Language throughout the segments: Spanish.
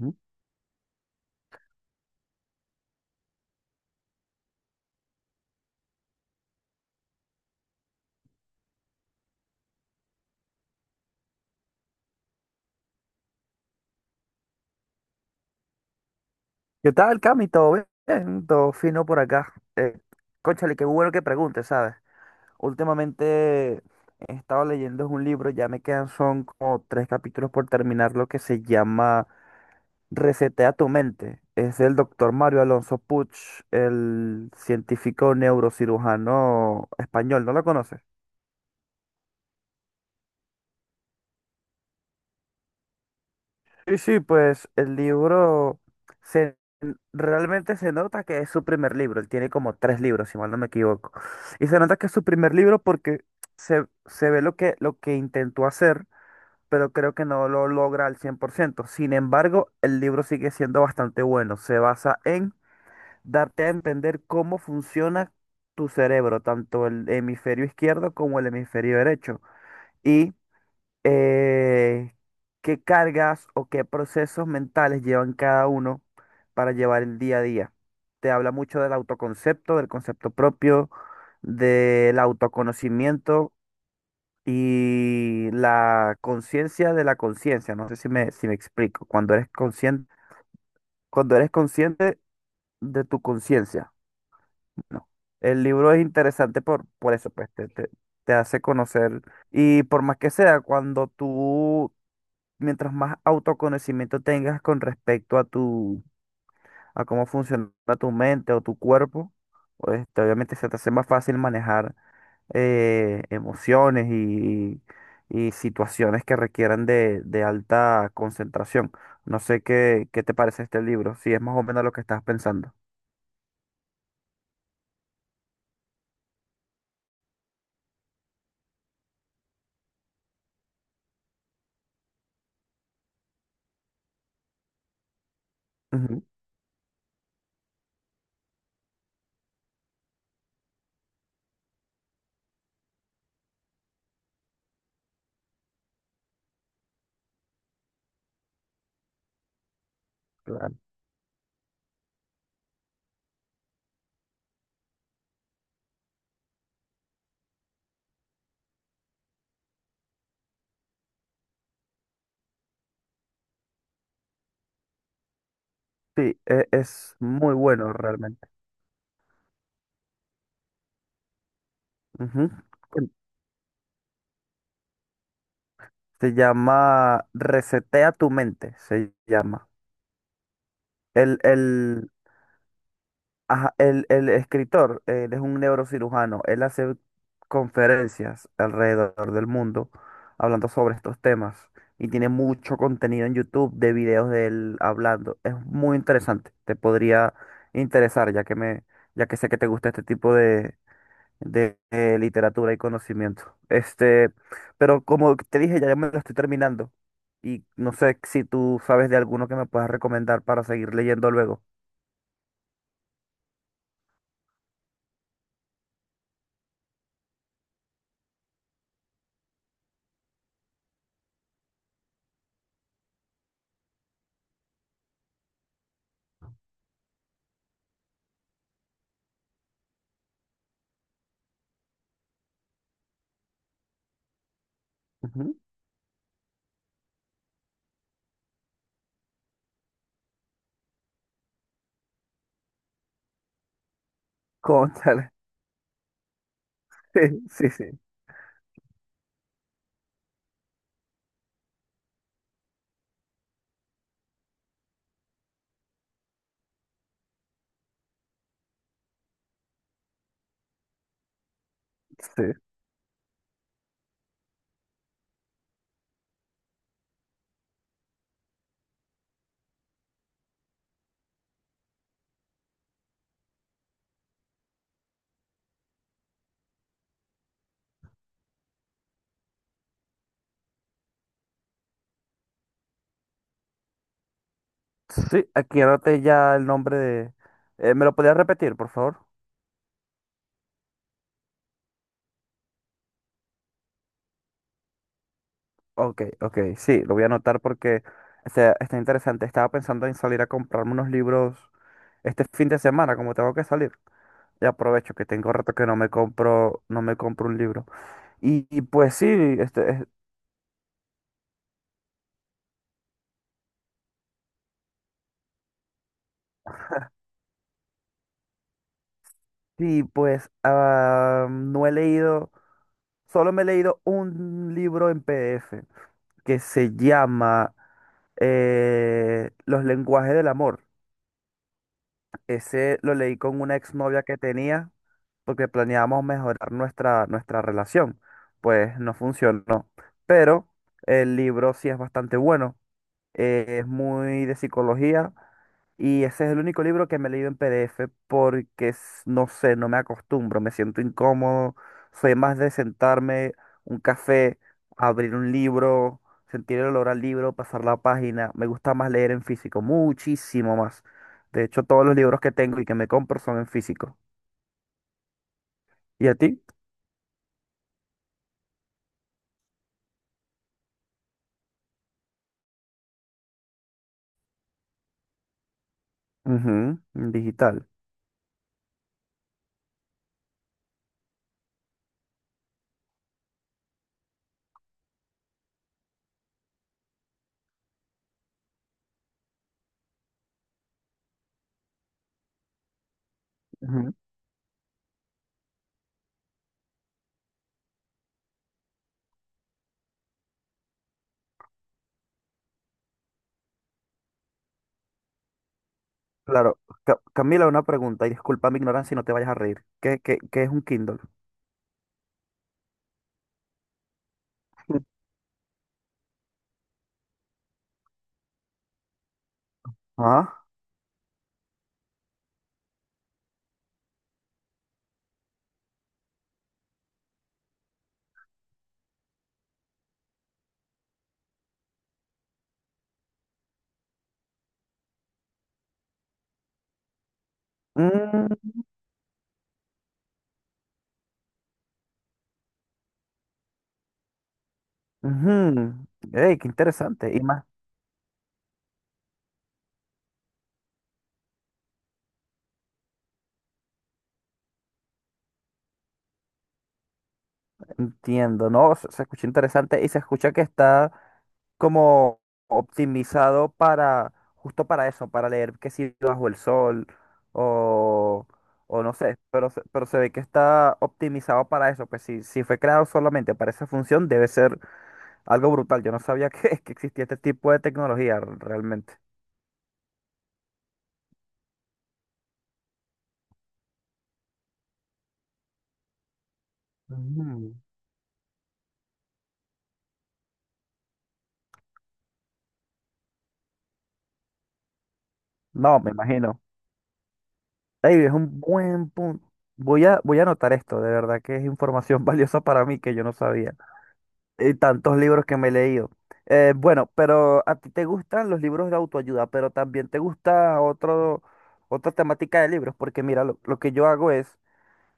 Ujú. ¿Qué tal, Cami? ¿Todo bien? Todo fino por acá. Cónchale, qué bueno que preguntes, ¿sabes? Últimamente he estado leyendo un libro, ya me quedan, son como tres capítulos por terminar, lo que se llama Resetea tu mente. Es del doctor Mario Alonso Puig, el científico neurocirujano español, ¿no lo conoces? Sí, sí, pues el se, realmente se nota que es su primer libro. Él tiene como tres libros, si mal no me equivoco. Y se nota que es su primer libro porque se ve lo que intentó hacer, pero creo que no lo logra al cien por ciento. Sin embargo, el libro sigue siendo bastante bueno. Se basa en darte a entender cómo funciona tu cerebro, tanto el hemisferio izquierdo como el hemisferio derecho. Y eh, qué cargas o qué procesos mentales llevan cada uno para llevar el día a día. Te habla mucho del autoconcepto, del concepto propio, del autoconocimiento y la conciencia de la conciencia. No sé si me explico. Cuando eres consciente de tu conciencia. No. El libro es interesante por eso, pues te hace conocer. Y por más que sea, cuando tú mientras más autoconocimiento tengas con respecto a a cómo funciona tu mente o tu cuerpo, pues, este, obviamente se te hace más fácil manejar emociones y situaciones que requieran de alta concentración. No sé qué te parece este libro, si es más o menos lo que estás pensando. Ujú, claro. Sí, es muy bueno realmente. Ujú. Se llama Resetea tu mente, se llama. El, el, Ajá, el escritor, él es un neurocirujano, él hace conferencias alrededor del mundo hablando sobre estos temas y tiene mucho contenido en YouTube de videos de él hablando. Es muy interesante, te podría interesar ya que ya que sé que te gusta este tipo de, literatura y conocimiento. Este, pero como te dije, ya me lo estoy terminando y no sé si tú sabes de alguno que me puedas recomendar para seguir leyendo luego. Ujú. Cónchale. Sí, sí, sí, sí. Sí, aquí anoté ya el nombre de... ¿me lo podías repetir, por favor? Ok, ok, sí, lo voy a anotar porque está interesante. Estaba pensando en salir a comprarme unos libros este fin de semana, como tengo que salir. Y aprovecho que tengo rato que no me compro un libro. Y pues sí, este, es- sí, pues no he leído, solo me he leído un libro en PDF. Que se llama Los lenguajes del amor. Ese lo leí con una exnovia que tenía porque planeábamos mejorar nuestra relación. Pues no funcionó. Pero el libro sí es bastante bueno. Es muy de psicología y ese es el único libro que me he leído en PDF porque, no sé, no me acostumbro, me siento incómodo. Soy más de sentarme, un café, abrir un libro, sentir el olor al libro, pasar la página. Me gusta más leer en físico, muchísimo más. De hecho, todos los libros que tengo y que me compro son en físico. ¿Y a ti? Ujú, en digital. Ujú. Claro. Camila, una pregunta, y disculpa mi ignorancia y no te vayas a reír. ¿Qué es un Kindle? Ah. Ujú. Ey, qué interesante. Y más, entiendo, ¿no? Se escucha interesante y se escucha que está como optimizado para, justo para eso, para leer que si bajo el sol o, o no sé, pero, pero se ve que está optimizado para eso, pues si, si fue creado solamente para esa función, debe ser algo brutal. Yo no sabía que existía este tipo de tecnología realmente. Ujú. No, me imagino. David, es un buen punto. Voy a anotar esto, de verdad que es información valiosa para mí que yo no sabía. Y tantos libros que me he leído. Bueno, pero a ti te gustan los libros de autoayuda, pero también te gusta otro, otra temática de libros, porque mira, lo que yo hago es,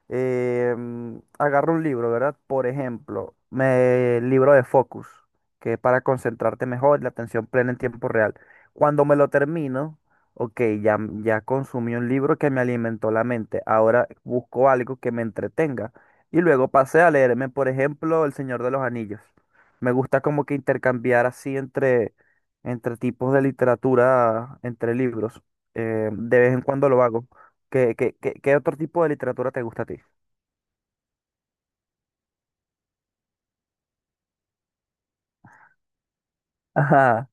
agarro un libro, ¿verdad? Por ejemplo, el libro de Focus, que es para concentrarte mejor, la atención plena en tiempo real. Cuando me lo termino, ok, ya, ya consumí un libro que me alimentó la mente. Ahora busco algo que me entretenga. Y luego pasé a leerme, por ejemplo, El Señor de los Anillos. Me gusta como que intercambiar así entre, entre tipos de literatura, entre libros. De vez en cuando lo hago. ¿Qué otro tipo de literatura te gusta a ti? Ajá,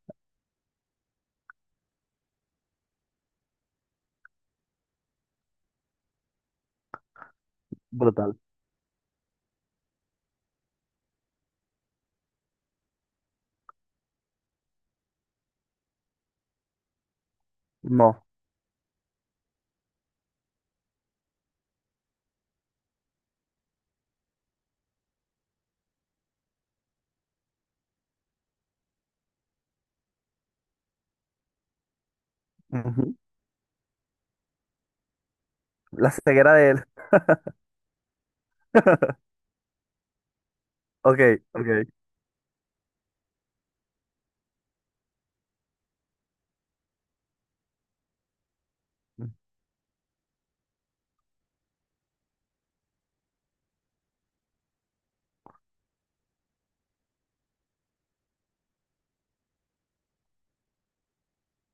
brutal. No. Ujú. La ceguera de él. Ok, ok.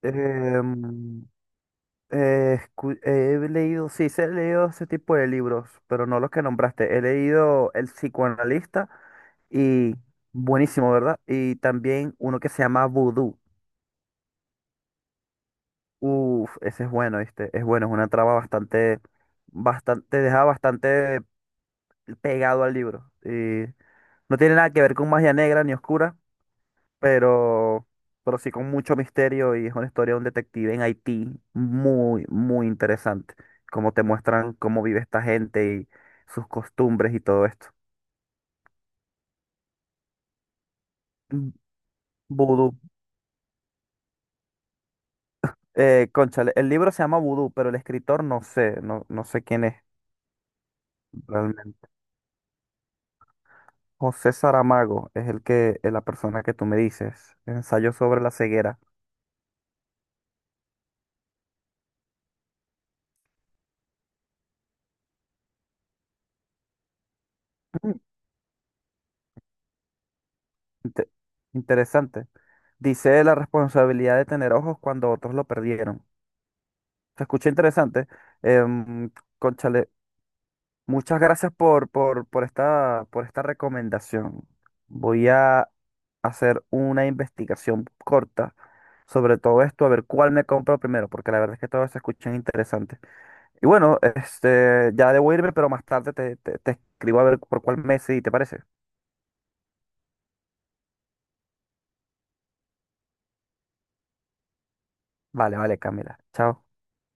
Em, he leído, sí, sí he leído ese tipo de libros, pero no los que nombraste. He leído El psicoanalista y buenísimo, ¿verdad? Y también uno que se llama Voodoo. Uf, ese es bueno, ¿viste? Es bueno, es una trama bastante, bastante, te deja bastante pegado al libro. Y no tiene nada que ver con magia negra ni oscura, pero, pero sí con mucho misterio y es una historia de un detective en Haití muy, muy interesante, como te muestran cómo vive esta gente y sus costumbres y todo esto. Mm, Vudú, cónchale, el libro se llama Vudú, pero el escritor no no sé quién es realmente. José Saramago es es la persona que tú me dices, ensayo sobre la ceguera. Mm, inte- interesante. Dice la responsabilidad de tener ojos cuando otros lo perdieron. Se escucha interesante. Em, Cónchale, muchas gracias por esta recomendación. Voy a hacer una investigación corta sobre todo esto, a ver cuál me compro primero, porque la verdad es que todos se escuchan interesantes. Y bueno, este, ya debo irme, pero más tarde te escribo a ver por cuál mes, si te parece. Vale, vale, Camila. Chao.